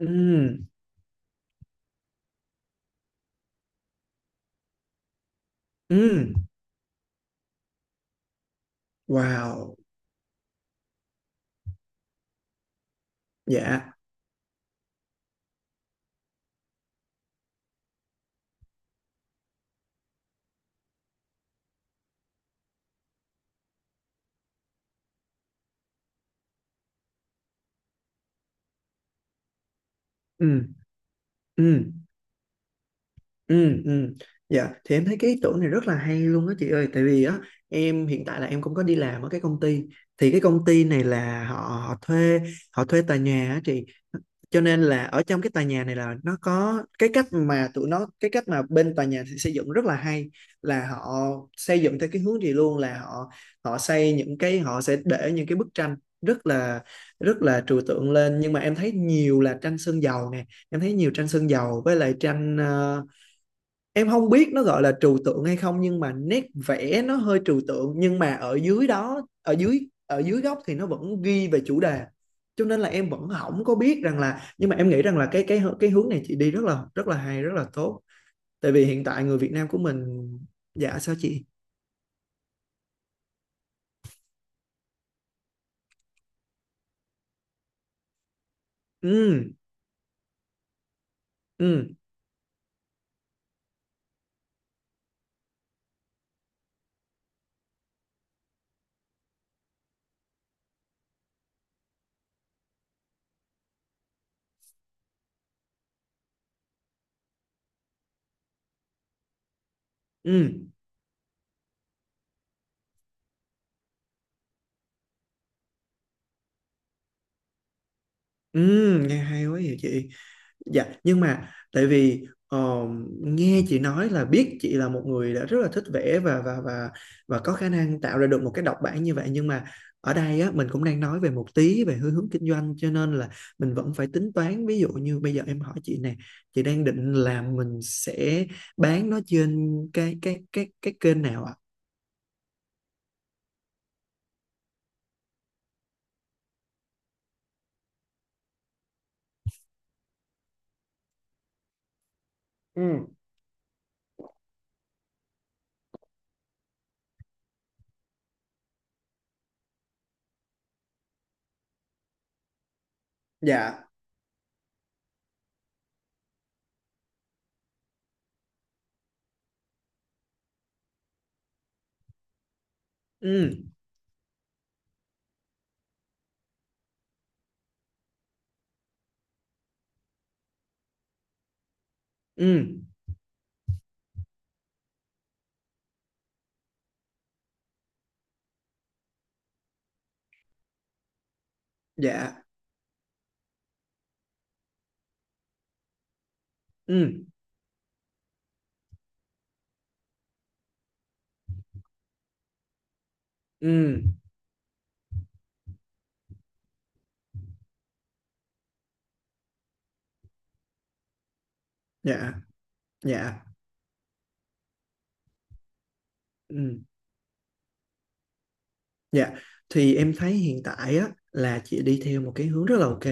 Ừm. Ừm. Wow. Dạ. Ừm. Ừm. Ừm. Ừm. Dạ, thì em thấy cái ý tưởng này rất là hay luôn đó chị ơi, tại vì á, em hiện tại là em cũng có đi làm ở cái công ty, thì cái công ty này là họ họ thuê, họ thuê tòa nhà á chị, cho nên là ở trong cái tòa nhà này là nó có cái cách mà tụi nó cái cách mà bên tòa nhà xây dựng rất là hay, là họ xây dựng theo cái hướng gì luôn, là họ họ xây những cái, họ sẽ để những cái bức tranh rất là rất là trừu tượng lên, nhưng mà em thấy nhiều là tranh sơn dầu nè, em thấy nhiều tranh sơn dầu với lại tranh ờ, em không biết nó gọi là trừu tượng hay không, nhưng mà nét vẽ nó hơi trừu tượng, nhưng mà ở dưới đó ở dưới góc thì nó vẫn ghi về chủ đề, cho nên là em vẫn không có biết rằng là, nhưng mà em nghĩ rằng là cái hướng này chị đi rất là hay rất là tốt, tại vì hiện tại người Việt Nam của mình. Dạ, sao chị? Ừ. Ừ. Ừ. Ừ. Nghe hay quá vậy chị. Dạ, nhưng mà tại vì nghe chị nói là biết chị là một người đã rất là thích vẽ và có khả năng tạo ra được một cái độc bản như vậy, nhưng mà ở đây á mình cũng đang nói về một tí về hướng hướng kinh doanh, cho nên là mình vẫn phải tính toán, ví dụ như bây giờ em hỏi chị nè, chị đang định là mình sẽ bán nó trên cái kênh nào ạ? Ừ. Dạ. Ừ. Ừ. Dạ. Ừ. Ừ. Dạ. Dạ. Ừ. Dạ, thì em thấy hiện tại á là chị đi theo một cái hướng rất là ok.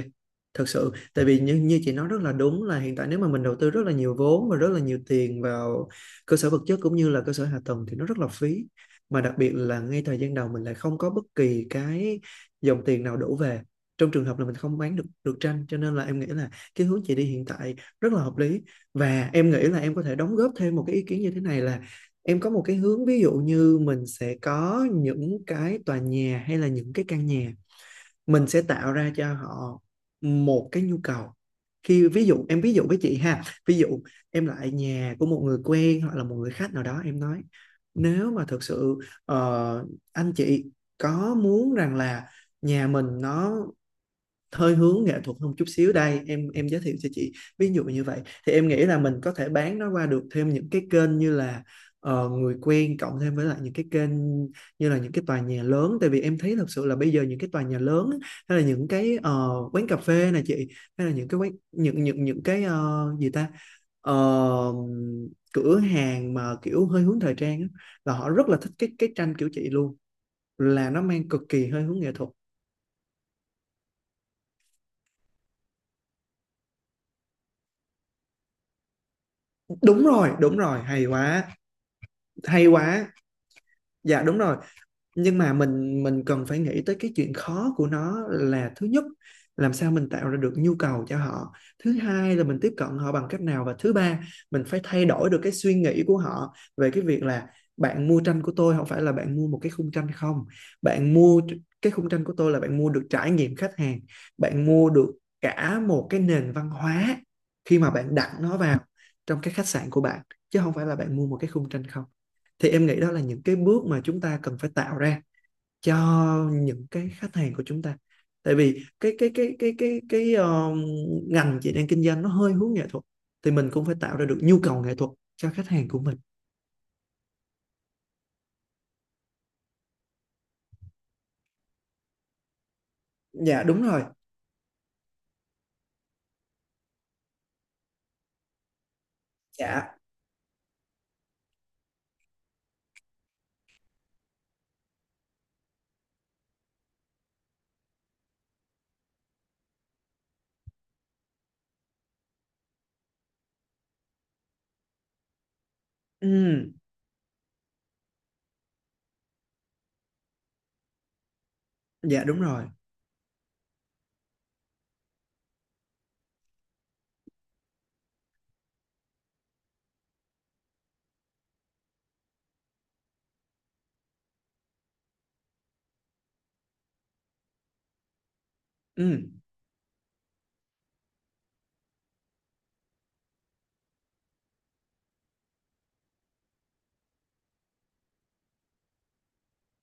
Thật sự, tại vì như như chị nói rất là đúng là hiện tại nếu mà mình đầu tư rất là nhiều vốn và rất là nhiều tiền vào cơ sở vật chất cũng như là cơ sở hạ tầng thì nó rất là phí. Mà đặc biệt là ngay thời gian đầu mình lại không có bất kỳ cái dòng tiền nào đổ về. Trong trường hợp là mình không bán được được tranh, cho nên là em nghĩ là cái hướng chị đi hiện tại rất là hợp lý, và em nghĩ là em có thể đóng góp thêm một cái ý kiến như thế này là em có một cái hướng, ví dụ như mình sẽ có những cái tòa nhà hay là những cái căn nhà, mình sẽ tạo ra cho họ một cái nhu cầu, khi ví dụ em ví dụ với chị ha, ví dụ em lại nhà của một người quen hoặc là một người khách nào đó, em nói nếu mà thực sự ờ, anh chị có muốn rằng là nhà mình nó hơi hướng nghệ thuật hơn chút xíu, đây em giới thiệu cho chị, ví dụ như vậy, thì em nghĩ là mình có thể bán nó qua được thêm những cái kênh như là người quen, cộng thêm với lại những cái kênh như là những cái tòa nhà lớn, tại vì em thấy thật sự là bây giờ những cái tòa nhà lớn hay là những cái quán cà phê này chị, hay là những cái quán, những cái ờ, gì ta Ờ, cửa hàng mà kiểu hơi hướng thời trang á, là họ rất là thích cái tranh kiểu chị luôn, là nó mang cực kỳ hơi hướng nghệ thuật. Đúng rồi, đúng rồi, hay quá. Hay quá. Dạ, đúng rồi. Nhưng mà mình cần phải nghĩ tới cái chuyện khó của nó là thứ nhất, làm sao mình tạo ra được nhu cầu cho họ. Thứ hai là mình tiếp cận họ bằng cách nào, và thứ ba, mình phải thay đổi được cái suy nghĩ của họ về cái việc là bạn mua tranh của tôi không phải là bạn mua một cái khung tranh không. Bạn mua cái khung tranh của tôi là bạn mua được trải nghiệm khách hàng, bạn mua được cả một cái nền văn hóa khi mà bạn đặt nó vào trong cái khách sạn của bạn, chứ không phải là bạn mua một cái khung tranh không, thì em nghĩ đó là những cái bước mà chúng ta cần phải tạo ra cho những cái khách hàng của chúng ta, tại vì ngành chị đang kinh doanh nó hơi hướng nghệ thuật, thì mình cũng phải tạo ra được nhu cầu nghệ thuật cho khách hàng của mình. Dạ, đúng rồi. Dạ. Ừ. Dạ, đúng rồi. Ừ.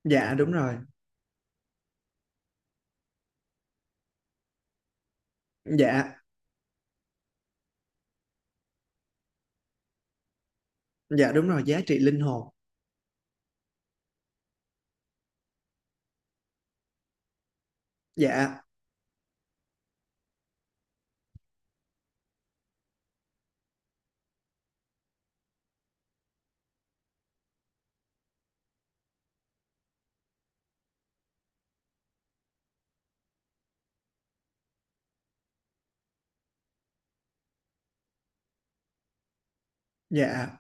Dạ, đúng rồi. Dạ. Dạ, đúng rồi, giá trị linh hồn. Dạ. Dạ.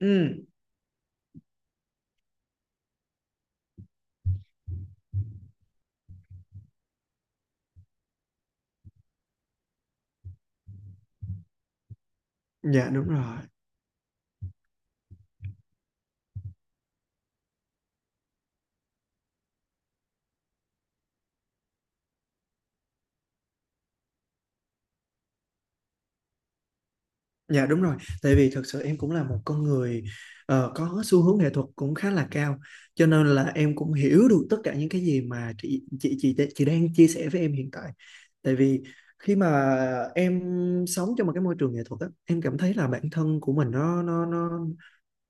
Ừ. Dạ, đúng rồi. Dạ đúng rồi, tại vì thật sự em cũng là một con người có xu hướng nghệ thuật cũng khá là cao, cho nên là em cũng hiểu được tất cả những cái gì mà chị đang chia sẻ với em hiện tại. Tại vì khi mà em sống trong một cái môi trường nghệ thuật á, em cảm thấy là bản thân của mình nó nó nó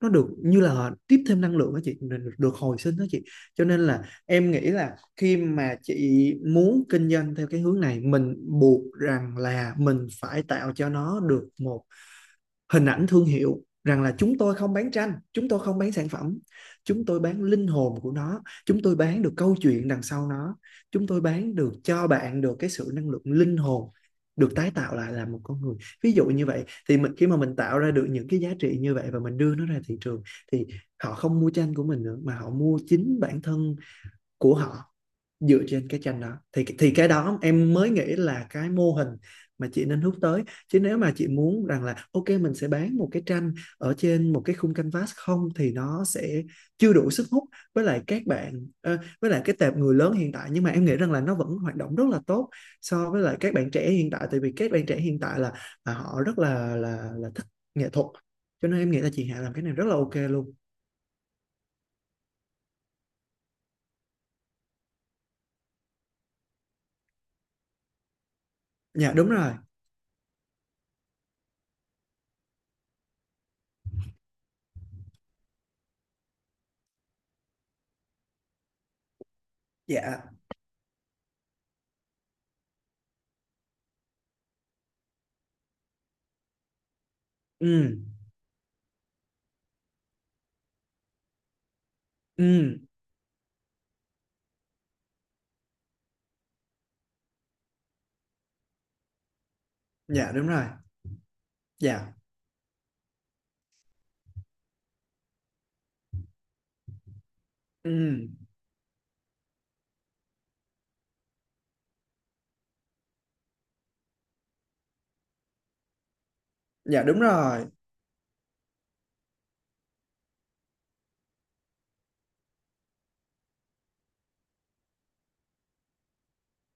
nó được như là tiếp thêm năng lượng đó chị, được được hồi sinh đó chị. Cho nên là em nghĩ là khi mà chị muốn kinh doanh theo cái hướng này, mình buộc rằng là mình phải tạo cho nó được một hình ảnh thương hiệu rằng là chúng tôi không bán tranh, chúng tôi không bán sản phẩm, chúng tôi bán linh hồn của nó, chúng tôi bán được câu chuyện đằng sau nó, chúng tôi bán được cho bạn được cái sự năng lượng linh hồn được tái tạo lại là một con người. Ví dụ như vậy, thì mình khi mà mình tạo ra được những cái giá trị như vậy và mình đưa nó ra thị trường, thì họ không mua tranh của mình nữa mà họ mua chính bản thân của họ dựa trên cái tranh đó, thì cái đó em mới nghĩ là cái mô hình mà chị nên hướng tới, chứ nếu mà chị muốn rằng là ok mình sẽ bán một cái tranh ở trên một cái khung canvas không thì nó sẽ chưa đủ sức hút với lại các bạn với lại cái tệp người lớn hiện tại, nhưng mà em nghĩ rằng là nó vẫn hoạt động rất là tốt so với lại các bạn trẻ hiện tại, tại vì các bạn trẻ hiện tại là họ rất là thích nghệ thuật, cho nên em nghĩ là chị Hạ làm cái này rất là ok luôn. Dạ đúng rồi. Dạ. Ừ. Ừ. Dạ, đúng rồi. Dạ. Ừm, dạ, đúng rồi.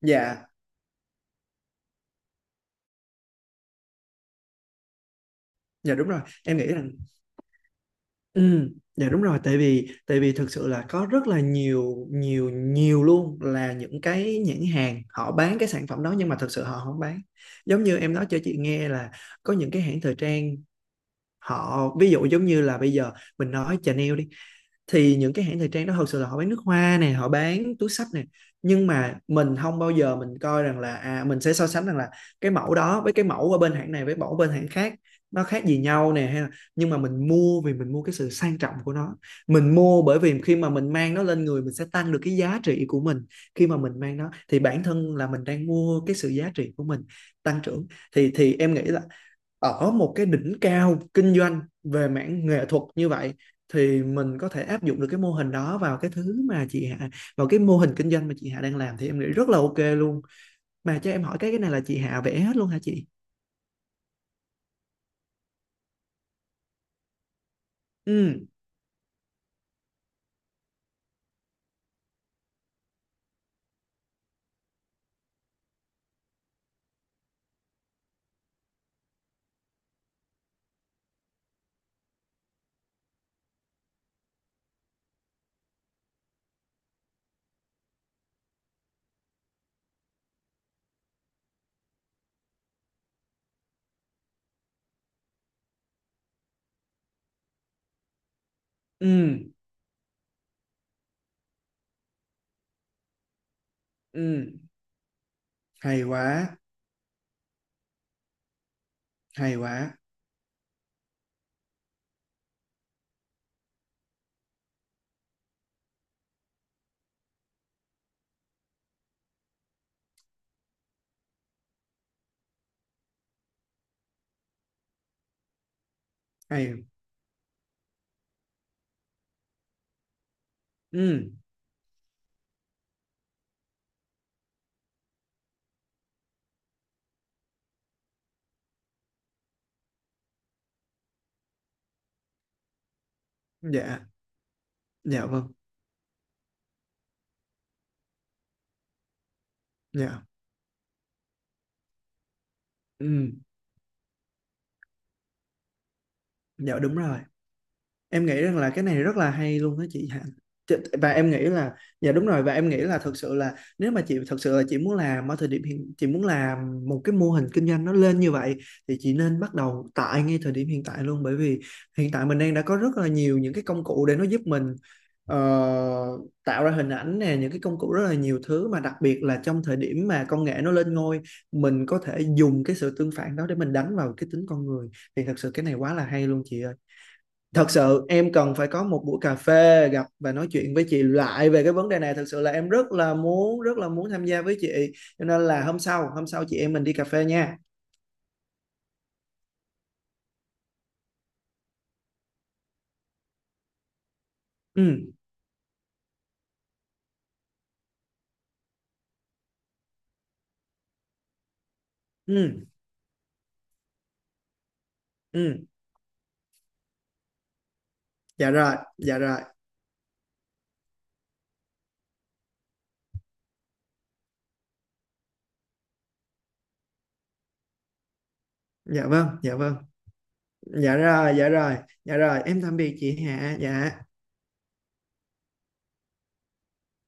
Dạ, dạ, đúng rồi. Em nghĩ rằng ừm, dạ, đúng rồi, tại vì thực sự là có rất là nhiều nhiều nhiều luôn là những cái nhãn hàng họ bán cái sản phẩm đó nhưng mà thực sự họ không bán. Giống như em nói cho chị nghe là có những cái hãng thời trang, họ ví dụ giống như là bây giờ mình nói Chanel đi, thì những cái hãng thời trang đó thật sự là họ bán nước hoa nè, họ bán túi xách nè, nhưng mà mình không bao giờ mình coi rằng là à mình sẽ so sánh rằng là cái mẫu đó với cái mẫu ở bên hãng này với mẫu bên hãng khác nó khác gì nhau nè, hay là, nhưng mà mình mua vì mình mua cái sự sang trọng của nó, mình mua bởi vì khi mà mình mang nó lên người, mình sẽ tăng được cái giá trị của mình, khi mà mình mang nó thì bản thân là mình đang mua cái sự giá trị của mình tăng trưởng, thì em nghĩ là ở một cái đỉnh cao kinh doanh về mảng nghệ thuật như vậy thì mình có thể áp dụng được cái mô hình đó vào cái thứ mà chị Hạ, vào cái mô hình kinh doanh mà chị Hạ đang làm, thì em nghĩ rất là ok luôn. Mà cho em hỏi cái này là chị Hạ vẽ hết luôn hả chị? Ừ. Ừ. Ừ. Hay quá. Hay quá. Hay. Ừ. Dạ. Dạ vâng. Dạ. Ừ. Dạ đúng rồi, em nghĩ rằng là cái này rất là hay luôn đó chị Hạnh. Chị- và em nghĩ là, dạ đúng rồi, và em nghĩ là thực sự là nếu mà chị thực sự là chị muốn làm ở thời điểm hiện, chị muốn làm một cái mô hình kinh doanh nó lên như vậy, thì chị nên bắt đầu tại ngay thời điểm hiện tại luôn, bởi vì hiện tại mình đang đã có rất là nhiều những cái công cụ để nó giúp mình ờ, tạo ra hình ảnh nè, những cái công cụ rất là nhiều thứ mà đặc biệt là trong thời điểm mà công nghệ nó lên ngôi, mình có thể dùng cái sự tương phản đó để mình đánh vào cái tính con người, thì thật sự cái này quá là hay luôn chị ơi. Thật sự em cần phải có một buổi cà phê gặp và nói chuyện với chị lại về cái vấn đề này, thật sự là em rất là muốn tham gia với chị, cho nên là hôm sau chị em mình đi cà phê nha. Ừ. Ừ. Ừ. Dạ rồi. Dạ rồi. Dạ vâng. Dạ vâng. Dạ rồi. Dạ rồi. Dạ rồi, em tạm biệt chị Hạ. Dạ.